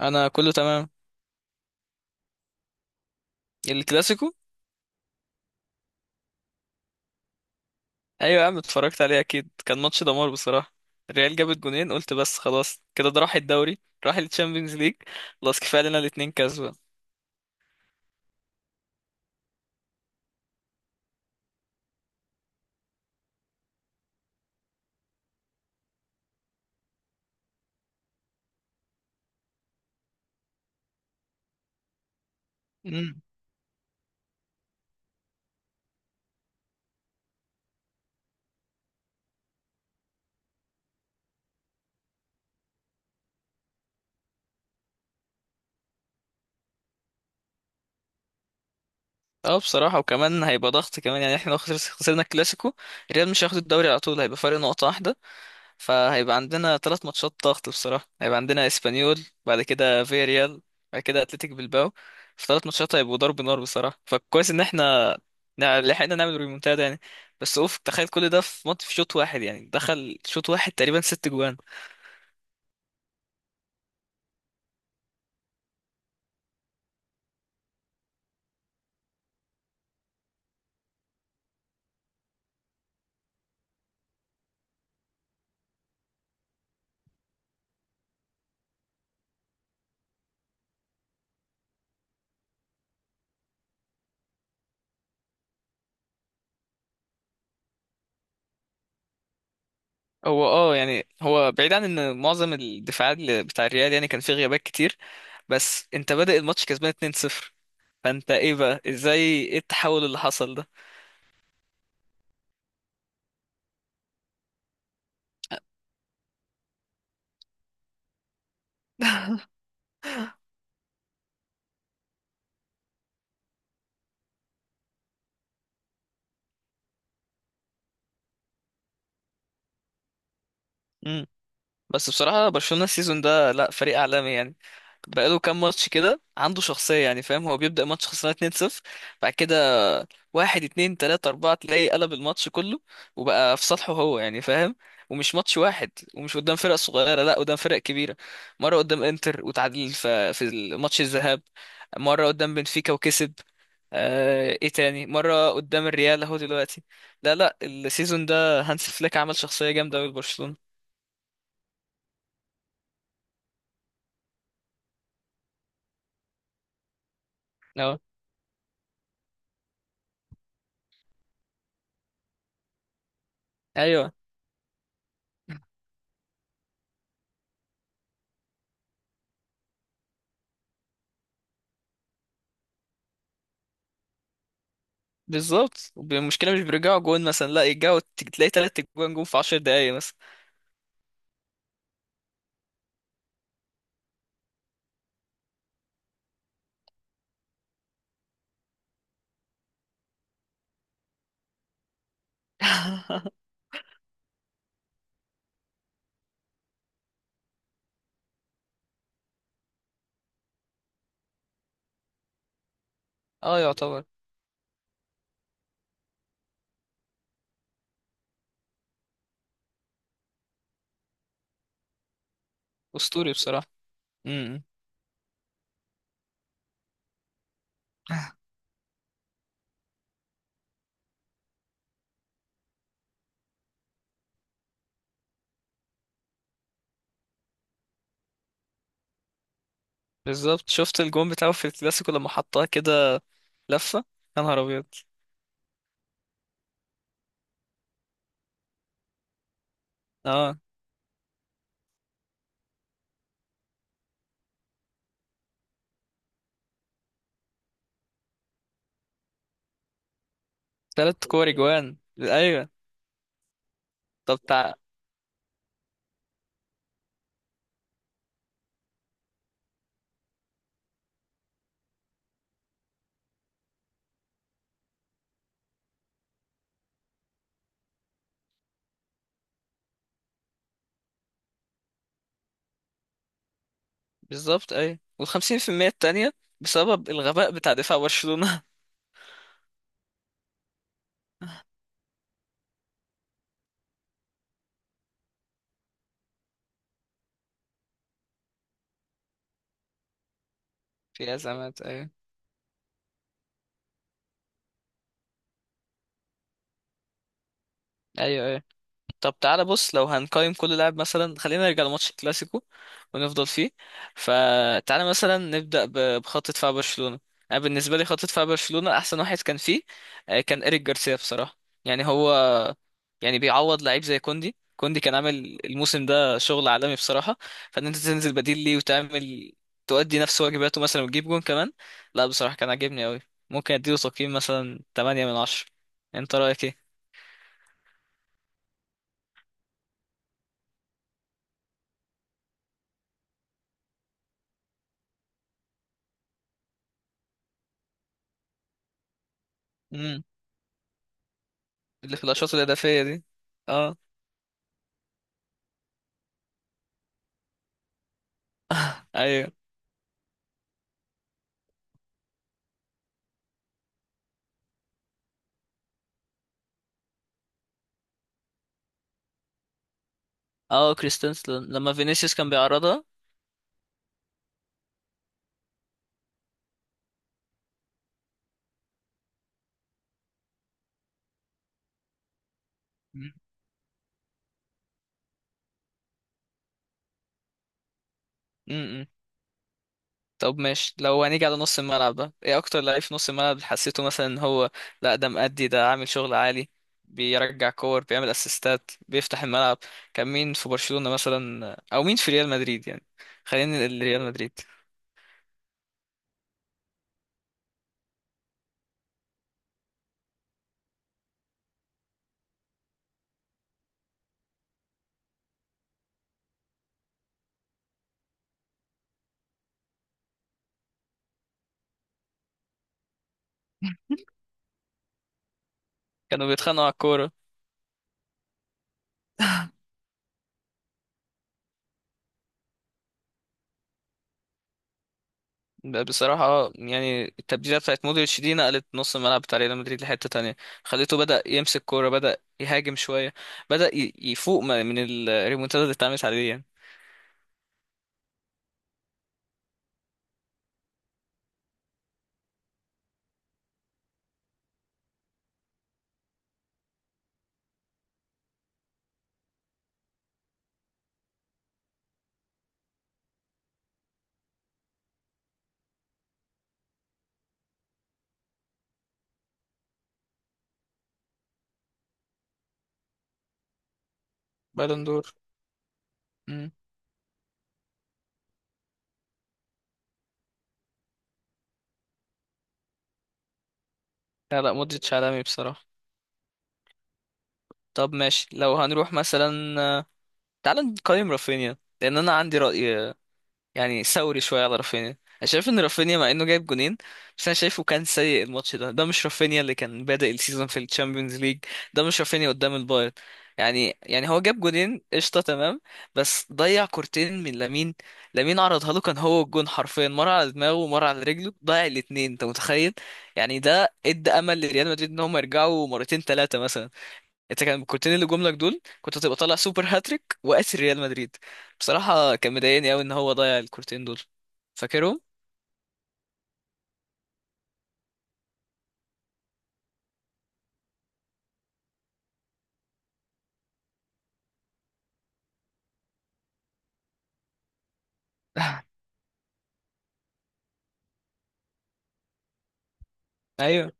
انا كله تمام. الكلاسيكو. ايوه يا عم، اتفرجت عليه اكيد، كان ماتش دمار بصراحه. الريال جابت جونين قلت بس خلاص كده ده راح الدوري. راح التشامبيونز ليج. خلاص كفايه لنا الاتنين كسبه. امم. اه بصراحه، وكمان هيبقى ضغط كمان يعني احنا لو خسرنا الكلاسيكو، الريال مش هياخد الدوري على طول، هيبقى فرق نقطه واحده. فهيبقى عندنا 3 ماتشات ضغط بصراحة، هيبقى عندنا اسبانيول، بعد كده فياريال، بعد كده اتلتيك بالباو. في 3 ماتشات هيبقوا ضرب نار بصراحة، فكويس ان احنا لحقنا نعمل ريمونتادا يعني. بس اوف، تخيل كل ده في ماتش، في شوط واحد يعني، دخل شوط واحد تقريبا 6 جوان. هو اه يعني هو بعيد عن ان معظم الدفاعات بتاع الريال يعني كان فيه غيابات كتير. بس انت بادئ الماتش كسبان 2-0، فانت ايه بقى؟ ازاي؟ ايه التحول اللي حصل ده؟ مم. بس بصراحة برشلونة السيزون ده لا، فريق عالمي يعني. بقاله كام ماتش كده عنده شخصية يعني، فاهم؟ هو بيبدأ ماتش خسران 2-0، بعد كده واحد اتنين تلاتة أربعة تلاقيه قلب الماتش كله، وبقى في صالحه هو يعني، فاهم؟ ومش ماتش واحد، ومش قدام فرق صغيرة، لا قدام فرق كبيرة. مرة قدام انتر وتعادل في ماتش الذهاب، مرة قدام بنفيكا وكسب، آه ايه تاني مرة قدام الريال اهو دلوقتي. لا لا، السيزون ده هانس فليك عمل شخصية جامدة أوي لبرشلونة. اه ايوه بالظبط، المشكله مش بيرجعوا جون مثلا، لا يرجعوا تلاقي 3 جوان جون في 10 دقايق مثلا. اه يعتبر. اسطوري بصراحه. إمم. بالظبط شفت الجون بتاعه في الكلاسيكو لما حطها كده، لفه، يا نهار ابيض. اه 3 كور جوان ايوه. طب بالظبط ايوه، وال50% التانية بسبب الغباء بتاع دفاع برشلونه. في ازمات ايوه. ايوه طب تعالى بص، لو هنقيم كل لاعب مثلا خلينا نرجع لماتش الكلاسيكو ونفضل فيه. فتعالى مثلا نبدأ بخط دفاع برشلونة. انا بالنسبة لي خط دفاع برشلونة احسن واحد كان فيه كان إيريك جارسيا بصراحة. يعني هو يعني بيعوض لعيب زي كوندي، كوندي كان عامل الموسم ده شغل عالمي بصراحة، فان انت تنزل بديل ليه وتعمل تؤدي نفس واجباته مثلا وتجيب جون كمان، لا بصراحة كان عاجبني قوي. ممكن اديله تقييم مثلا 8 من 10. انت رأيك ايه؟ اللي في الاشواط الاضافيه دي. اه. ايوه. اه كريستنس لما فينيسيوس كان بيعرضها. مم. مم. طب ماشي، لو هنيجي على نص الملعب بقى ايه اكتر لعيب في نص الملعب حسيته مثلا ان هو، لا ده مأدي، ده عامل شغل عالي، بيرجع كور بيعمل اسيستات بيفتح الملعب. كان مين في برشلونة مثلا، او مين في ريال مدريد يعني؟ خلينا الريال مدريد. كانوا بيتخانقوا على الكورة. بصراحة يعني التبديلة بتاعت مودريتش دي نقلت نص الملعب بتاع ريال مدريد لحتة تانية، خليته بدأ يمسك كورة، بدأ يهاجم شوية، بدأ يفوق من الريمونتادا اللي اتعملت عليه يعني. بالون دور. مم. لا لا مودريتش عالمي بصراحة. طب ماشي لو هنروح مثلا، تعال نقيم رافينيا لأن أنا عندي رأي يعني ثوري شويه على رافينيا. انا شايف ان رافينيا مع انه جايب جونين، بس انا شايفه كان سيء. الماتش ده، ده مش رافينيا اللي كان بادئ السيزون في الشامبيونز ليج، ده مش رافينيا قدام البايرن. يعني هو جاب جونين قشطه تمام، بس ضيع كورتين من لامين. لامين عرضها له كان هو الجون حرفيا، مره على دماغه ومره على رجله، ضيع الاتنين، انت متخيل؟ يعني ده ادى امل لريال مدريد ان هم يرجعوا مرتين ثلاثه مثلا. انت كان كنت اللي جملك دول، كنت هتبقى طالع سوبر هاتريك وقاسي ريال مدريد. بصراحة كان مضايقني قوي ان هو ضيع الكورتين دول، فاكرهم؟ ايوه.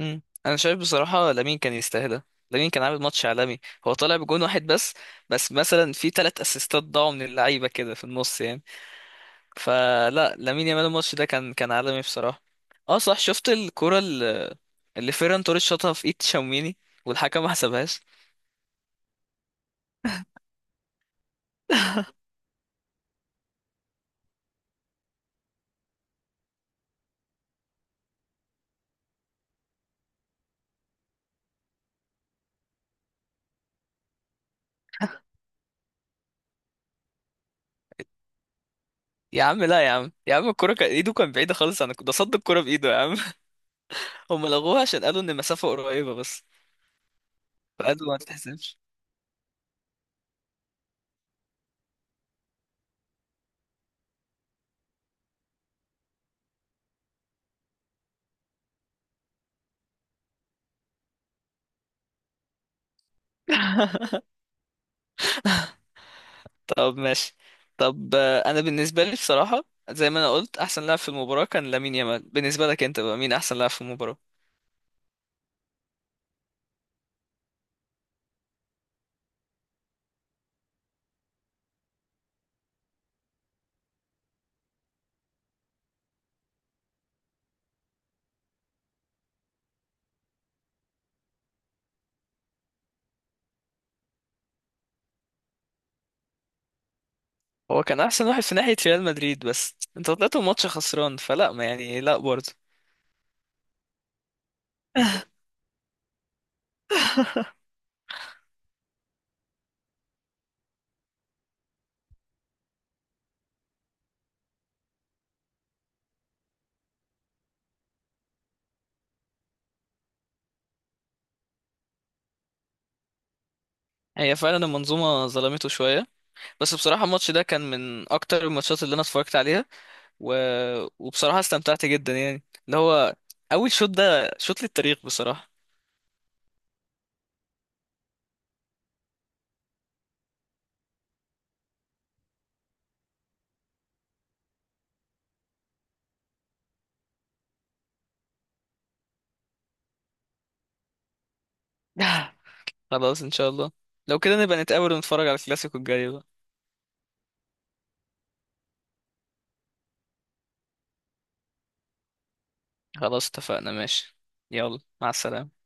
انا شايف بصراحة لامين كان يستاهلها. لامين كان عامل ماتش عالمي. هو طالع بجون واحد بس، بس مثلا في 3 اسيستات ضاعوا من اللعيبة كده في النص يعني. فلا لامين يامال الماتش ده كان عالمي بصراحة. اه صح، شفت الكرة اللي فيران توريس شاطها في ايد تشاوميني والحكم ما حسبهاش؟ يا عم لا، يا عم يا عم الكرة كان ايده كان بعيدة خالص عن ده صد الكرة بإيده يا عم. هم لغوها عشان قالوا ان المسافة قريبة بس، فقالوا ما تتحسبش. طب ماشي. طب انا بالنسبة لي بصراحة زي ما انا قلت احسن لاعب في المباراة كان لامين يامال. بالنسبة لك انت بقى، مين احسن لاعب في المباراة؟ هو كان احسن واحد في ناحية ريال مدريد، بس انت طلعت الماتش خسران فلا، ما يعني لا برضه. هي فعلا المنظومة ظلمته شوية. بس بصراحة الماتش ده كان من أكتر الماتشات اللي أنا اتفرجت عليها، و... وبصراحة استمتعت جدا يعني. اللي هو أول شوط ده شوط للتاريخ بصراحة. خلاص إن شاء الله. لو كده نبقى نتقابل ونتفرج على الكلاسيكو الجاي بقى. خلاص اتفقنا ماشي. يلا مع السلامة.